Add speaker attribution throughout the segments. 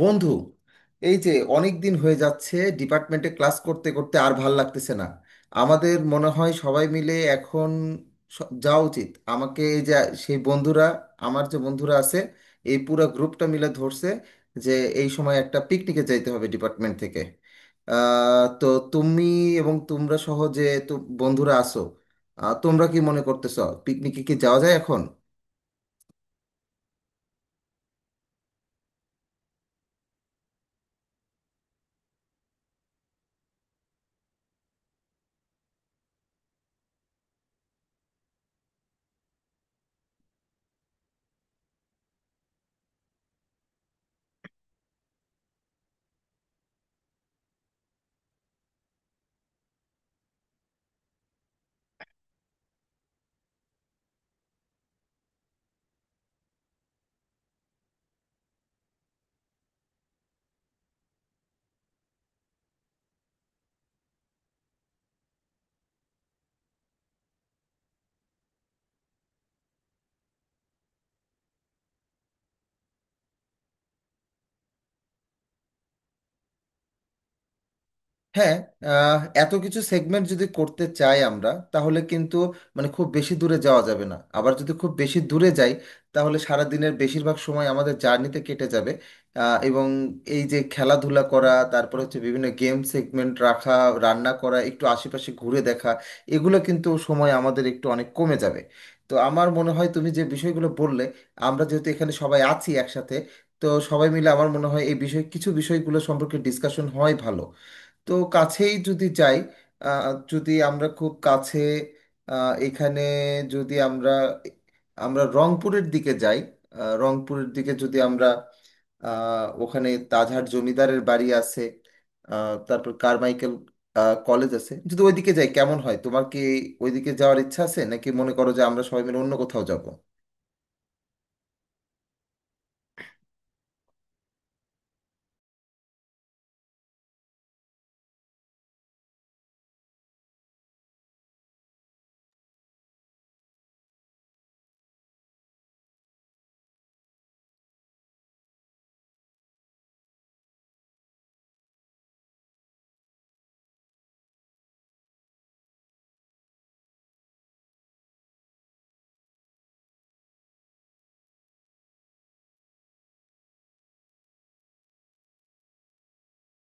Speaker 1: বন্ধু, এই যে অনেক দিন হয়ে যাচ্ছে, ডিপার্টমেন্টে ক্লাস করতে করতে আর ভাল লাগতেছে না। আমাদের মনে হয় সবাই মিলে এখন যাওয়া উচিত। আমাকে এই যে সেই বন্ধুরা, আমার যে বন্ধুরা আছে, এই পুরো গ্রুপটা মিলে ধরছে যে এই সময় একটা পিকনিকে যাইতে হবে ডিপার্টমেন্ট থেকে। তো তুমি এবং তোমরা সহ বন্ধুরা আসো। তোমরা কি মনে করতেছো পিকনিকে কি যাওয়া যায় এখন? হ্যাঁ, এত কিছু সেগমেন্ট যদি করতে চাই আমরা তাহলে কিন্তু মানে খুব বেশি দূরে যাওয়া যাবে না। আবার যদি খুব বেশি দূরে যাই, তাহলে সারা দিনের বেশিরভাগ সময় আমাদের জার্নিতে কেটে যাবে। এবং এই যে খেলাধুলা করা, তারপরে হচ্ছে বিভিন্ন গেম সেগমেন্ট রাখা, রান্না করা, একটু আশেপাশে ঘুরে দেখা, এগুলো কিন্তু সময় আমাদের একটু অনেক কমে যাবে। তো আমার মনে হয় তুমি যে বিষয়গুলো বললে, আমরা যেহেতু এখানে সবাই আছি একসাথে, তো সবাই মিলে আমার মনে হয় এই বিষয় কিছু বিষয়গুলো সম্পর্কে ডিসকাশন হয় ভালো। তো কাছেই যদি যাই, যদি আমরা খুব কাছে, এখানে যদি আমরা আমরা রংপুরের দিকে যাই, রংপুরের দিকে যদি আমরা, ওখানে তাজহাট জমিদারের বাড়ি আছে, তারপর কারমাইকেল কলেজ আছে, যদি ওইদিকে যাই কেমন হয়? তোমার কি ওইদিকে যাওয়ার ইচ্ছা আছে, নাকি মনে করো যে আমরা সবাই মিলে অন্য কোথাও যাব?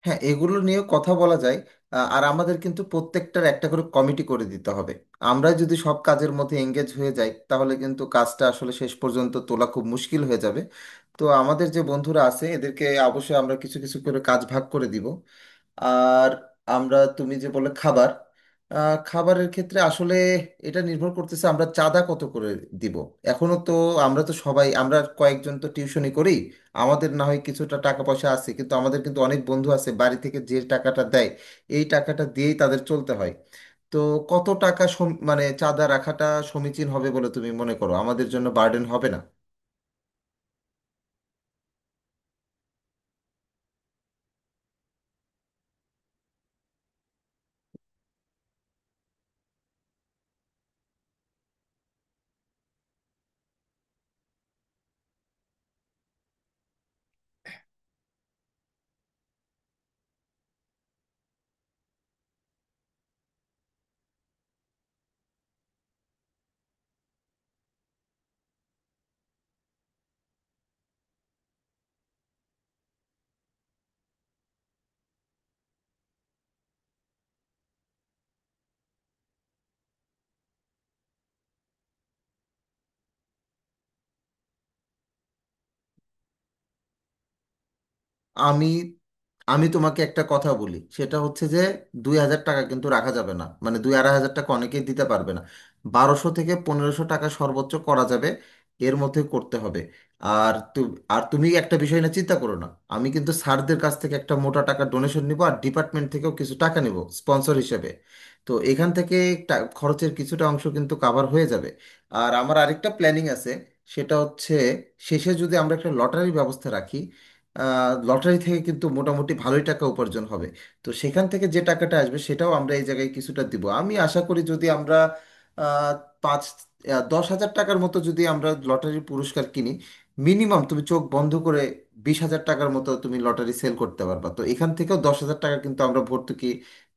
Speaker 1: হ্যাঁ, এগুলো নিয়ে কথা বলা যায়। আর আমাদের কিন্তু প্রত্যেকটার একটা করে কমিটি করে দিতে হবে। আমরা যদি সব কাজের মধ্যে এঙ্গেজ হয়ে যাই, তাহলে কিন্তু কাজটা আসলে শেষ পর্যন্ত তোলা খুব মুশকিল হয়ে যাবে। তো আমাদের যে বন্ধুরা আছে এদেরকে অবশ্যই আমরা কিছু কিছু করে কাজ ভাগ করে দিব। আর আমরা তুমি যে বলে খাবার, খাবারের ক্ষেত্রে আসলে এটা নির্ভর করতেছে আমরা চাঁদা কত করে দিব। এখনো তো আমরা তো সবাই, আমরা কয়েকজন তো টিউশনি করি, আমাদের না হয় কিছুটা টাকা পয়সা আছে, কিন্তু আমাদের কিন্তু অনেক বন্ধু আছে বাড়ি থেকে যে টাকাটা দেয়, এই টাকাটা দিয়েই তাদের চলতে হয়। তো কত টাকা মানে চাঁদা রাখাটা সমীচীন হবে বলে তুমি মনে করো আমাদের জন্য বার্ডেন হবে না? আমি আমি তোমাকে একটা কথা বলি, সেটা হচ্ছে যে 2,000 টাকা কিন্তু রাখা যাবে না, মানে দুই আড়াই হাজার টাকা অনেকেই দিতে পারবে না। 1200 থেকে 1500 টাকা সর্বোচ্চ করা যাবে, এর মধ্যে করতে হবে। আর তু আর তুমি একটা বিষয় না চিন্তা করো না, আমি কিন্তু স্যারদের কাছ থেকে একটা মোটা টাকা ডোনেশন নিব আর ডিপার্টমেন্ট থেকেও কিছু টাকা নিব স্পন্সর হিসেবে। তো এখান থেকে খরচের কিছুটা অংশ কিন্তু কাভার হয়ে যাবে। আর আমার আরেকটা প্ল্যানিং আছে, সেটা হচ্ছে শেষে যদি আমরা একটা লটারির ব্যবস্থা রাখি, লটারি থেকে কিন্তু মোটামুটি ভালোই টাকা উপার্জন হবে। তো সেখান থেকে যে টাকাটা আসবে সেটাও আমরা এই জায়গায় কিছুটা দিব। আমি আশা করি যদি আমরা আহ, পাঁচ 10,000 টাকার মতো যদি আমরা লটারির পুরস্কার কিনি, মিনিমাম তুমি চোখ বন্ধ করে 20,000 টাকার মতো তুমি লটারি সেল করতে পারবা। তো এখান থেকেও 10,000 টাকা কিন্তু আমরা ভর্তুকি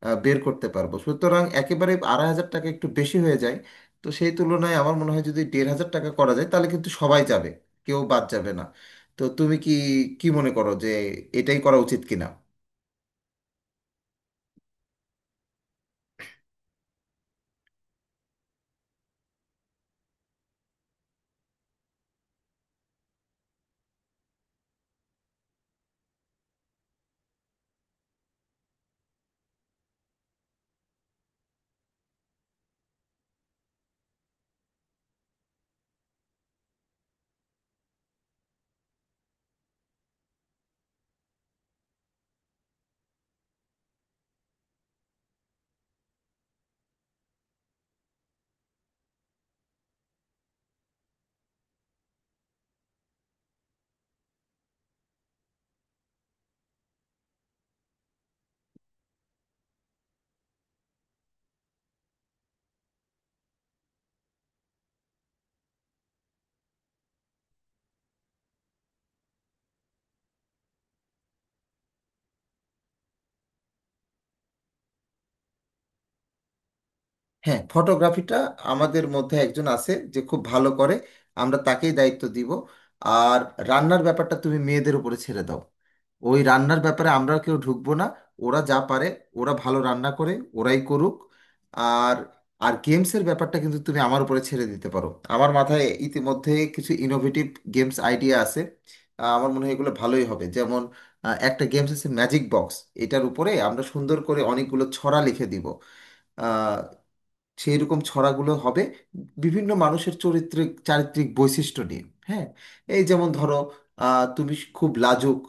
Speaker 1: বের করতে পারবো। সুতরাং একেবারে 2,500 টাকা একটু বেশি হয়ে যায়, তো সেই তুলনায় আমার মনে হয় যদি 1,500 টাকা করা যায় তাহলে কিন্তু সবাই যাবে, কেউ বাদ যাবে না। তো তুমি কি কি মনে করো যে এটাই করা উচিত কিনা? হ্যাঁ, ফটোগ্রাফিটা আমাদের মধ্যে একজন আছে যে খুব ভালো করে, আমরা তাকেই দায়িত্ব দিব। আর রান্নার ব্যাপারটা তুমি মেয়েদের উপরে ছেড়ে দাও, ওই রান্নার ব্যাপারে আমরা কেউ ঢুকবো না। ওরা যা পারে, ওরা ভালো রান্না করে, ওরাই করুক। আর আর গেমসের ব্যাপারটা কিন্তু তুমি আমার উপরে ছেড়ে দিতে পারো, আমার মাথায় ইতিমধ্যে কিছু ইনোভেটিভ গেমস আইডিয়া আছে। আমার মনে হয় এগুলো ভালোই হবে। যেমন একটা গেমস আছে ম্যাজিক বক্স, এটার উপরে আমরা সুন্দর করে অনেকগুলো ছড়া লিখে দিব। সেই রকম ছড়াগুলো হবে বিভিন্ন মানুষের চরিত্রিক চারিত্রিক বৈশিষ্ট্য নিয়ে। হ্যাঁ, এই যেমন ধরো তুমি খুব লাজুক,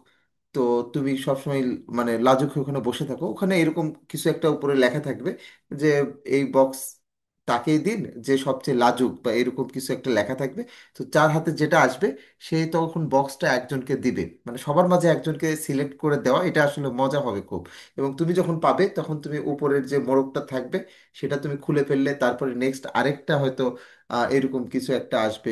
Speaker 1: তো তুমি সবসময় মানে লাজুক হয়ে ওখানে বসে থাকো ওখানে, এরকম কিছু একটা উপরে লেখা থাকবে যে এই বক্স তাকেই দিন যে সবচেয়ে লাজুক, বা এরকম কিছু একটা লেখা থাকবে। তো যার হাতে যেটা আসবে, সে তখন বক্সটা একজনকে দিবে, মানে সবার মাঝে একজনকে সিলেক্ট করে দেওয়া, এটা আসলে মজা হবে খুব। এবং তুমি যখন পাবে তখন তুমি উপরের যে মোড়কটা থাকবে সেটা তুমি খুলে ফেললে, তারপরে নেক্সট আরেকটা হয়তো এরকম কিছু একটা আসবে।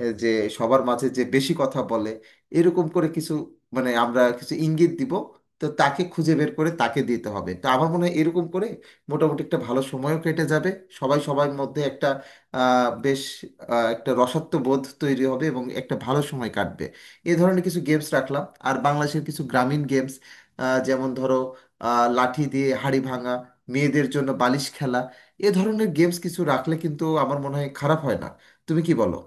Speaker 1: যে সবার মাঝে যে বেশি কথা বলে, এরকম করে কিছু মানে আমরা কিছু ইঙ্গিত দিব, তো তাকে খুঁজে বের করে তাকে দিতে হবে। তো আমার মনে হয় এরকম করে মোটামুটি একটা ভালো সময়ও কেটে যাবে, সবাই সবার মধ্যে একটা আহ, বেশ একটা রসত্ববোধ তৈরি হবে এবং একটা ভালো সময় কাটবে। এ ধরনের কিছু গেমস রাখলাম আর বাংলাদেশের কিছু গ্রামীণ গেমস, যেমন ধরো লাঠি দিয়ে হাড়ি ভাঙা, মেয়েদের জন্য বালিশ খেলা, এ ধরনের গেমস কিছু রাখলে কিন্তু আমার মনে হয় খারাপ হয় না। তুমি কি বলো?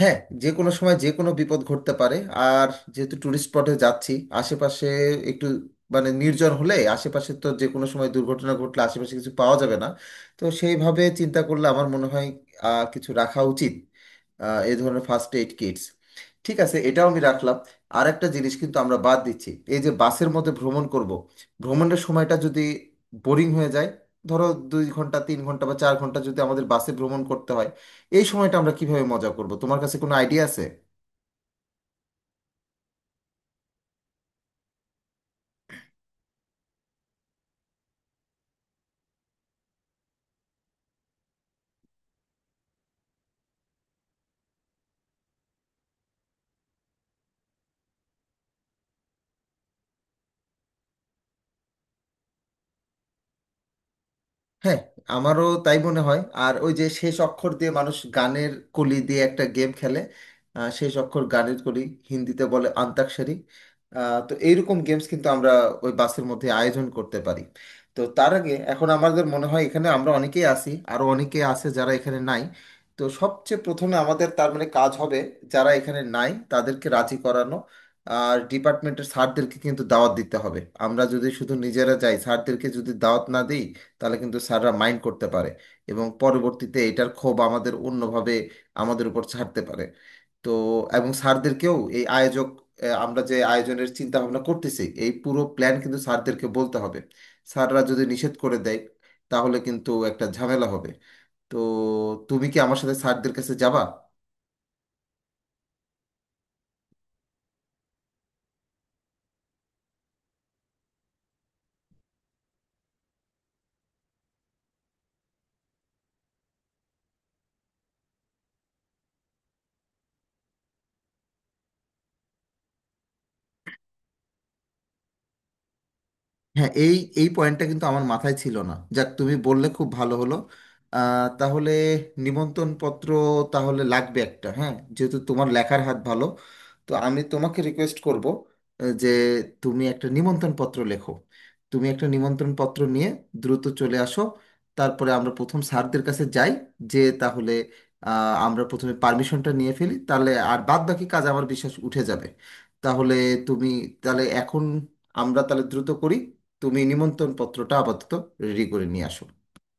Speaker 1: হ্যাঁ, যে কোনো সময় যে কোনো বিপদ ঘটতে পারে আর যেহেতু ট্যুরিস্ট স্পটে যাচ্ছি, আশেপাশে একটু মানে নির্জন হলে আশেপাশে তো যে কোনো সময় দুর্ঘটনা ঘটলে আশেপাশে কিছু পাওয়া যাবে না। তো সেইভাবে চিন্তা করলে আমার মনে হয় কিছু রাখা উচিত, এই ধরনের ফার্স্ট এইড কিটস। ঠিক আছে, এটাও আমি রাখলাম। আর একটা জিনিস কিন্তু আমরা বাদ দিচ্ছি, এই যে বাসের মধ্যে ভ্রমণ করব, ভ্রমণের সময়টা যদি বোরিং হয়ে যায়, ধরো 2 ঘন্টা 3 ঘন্টা বা 4 ঘন্টা যদি আমাদের বাসে ভ্রমণ করতে হয়, এই সময়টা আমরা কিভাবে মজা করব, তোমার কাছে কোনো আইডিয়া আছে? হ্যাঁ, আমারও তাই মনে হয়। আর ওই যে শেষ অক্ষর দিয়ে মানুষ গানের কলি দিয়ে একটা গেম খেলে, শেষ অক্ষর গানের কলি, হিন্দিতে বলে অন্তাক্ষরী, তো এইরকম গেমস কিন্তু আমরা ওই বাসের মধ্যে আয়োজন করতে পারি। তো তার আগে এখন আমাদের মনে হয় এখানে আমরা অনেকেই আছি, আরও অনেকেই আছে যারা এখানে নাই, তো সবচেয়ে প্রথমে আমাদের তার মানে কাজ হবে যারা এখানে নাই তাদেরকে রাজি করানো। আর ডিপার্টমেন্টের স্যারদেরকে কিন্তু দাওয়াত দিতে হবে। আমরা যদি শুধু নিজেরা যাই, স্যারদেরকে যদি দাওয়াত না দিই, তাহলে কিন্তু স্যাররা মাইন্ড করতে পারে এবং পরবর্তীতে এটার ক্ষোভ আমাদের অন্যভাবে আমাদের উপর ছাড়তে পারে। তো এবং স্যারদেরকেও এই আয়োজক আমরা যে আয়োজনের চিন্তা ভাবনা করতেছি এই পুরো প্ল্যান কিন্তু স্যারদেরকে বলতে হবে। স্যাররা যদি নিষেধ করে দেয়, তাহলে কিন্তু একটা ঝামেলা হবে। তো তুমি কি আমার সাথে স্যারদের কাছে যাবা? হ্যাঁ, এই এই পয়েন্টটা কিন্তু আমার মাথায় ছিল না, যাক তুমি বললে খুব ভালো হলো। তাহলে নিমন্ত্রণ পত্র তাহলে লাগবে একটা। হ্যাঁ, যেহেতু তোমার লেখার হাত ভালো, তো আমি তোমাকে রিকোয়েস্ট করব যে তুমি একটা নিমন্ত্রণ পত্র লেখো। তুমি একটা নিমন্ত্রণ পত্র নিয়ে দ্রুত চলে আসো, তারপরে আমরা প্রথম স্যারদের কাছে যাই। যে তাহলে আমরা প্রথমে পারমিশনটা নিয়ে ফেলি, তাহলে আর বাদ বাকি কাজ আমার বিশ্বাস উঠে যাবে। তাহলে তুমি, তাহলে এখন আমরা তাহলে দ্রুত করি, তুমি নিমন্ত্রণ পত্রটা আপাতত রেডি করে নিয়ে আসো।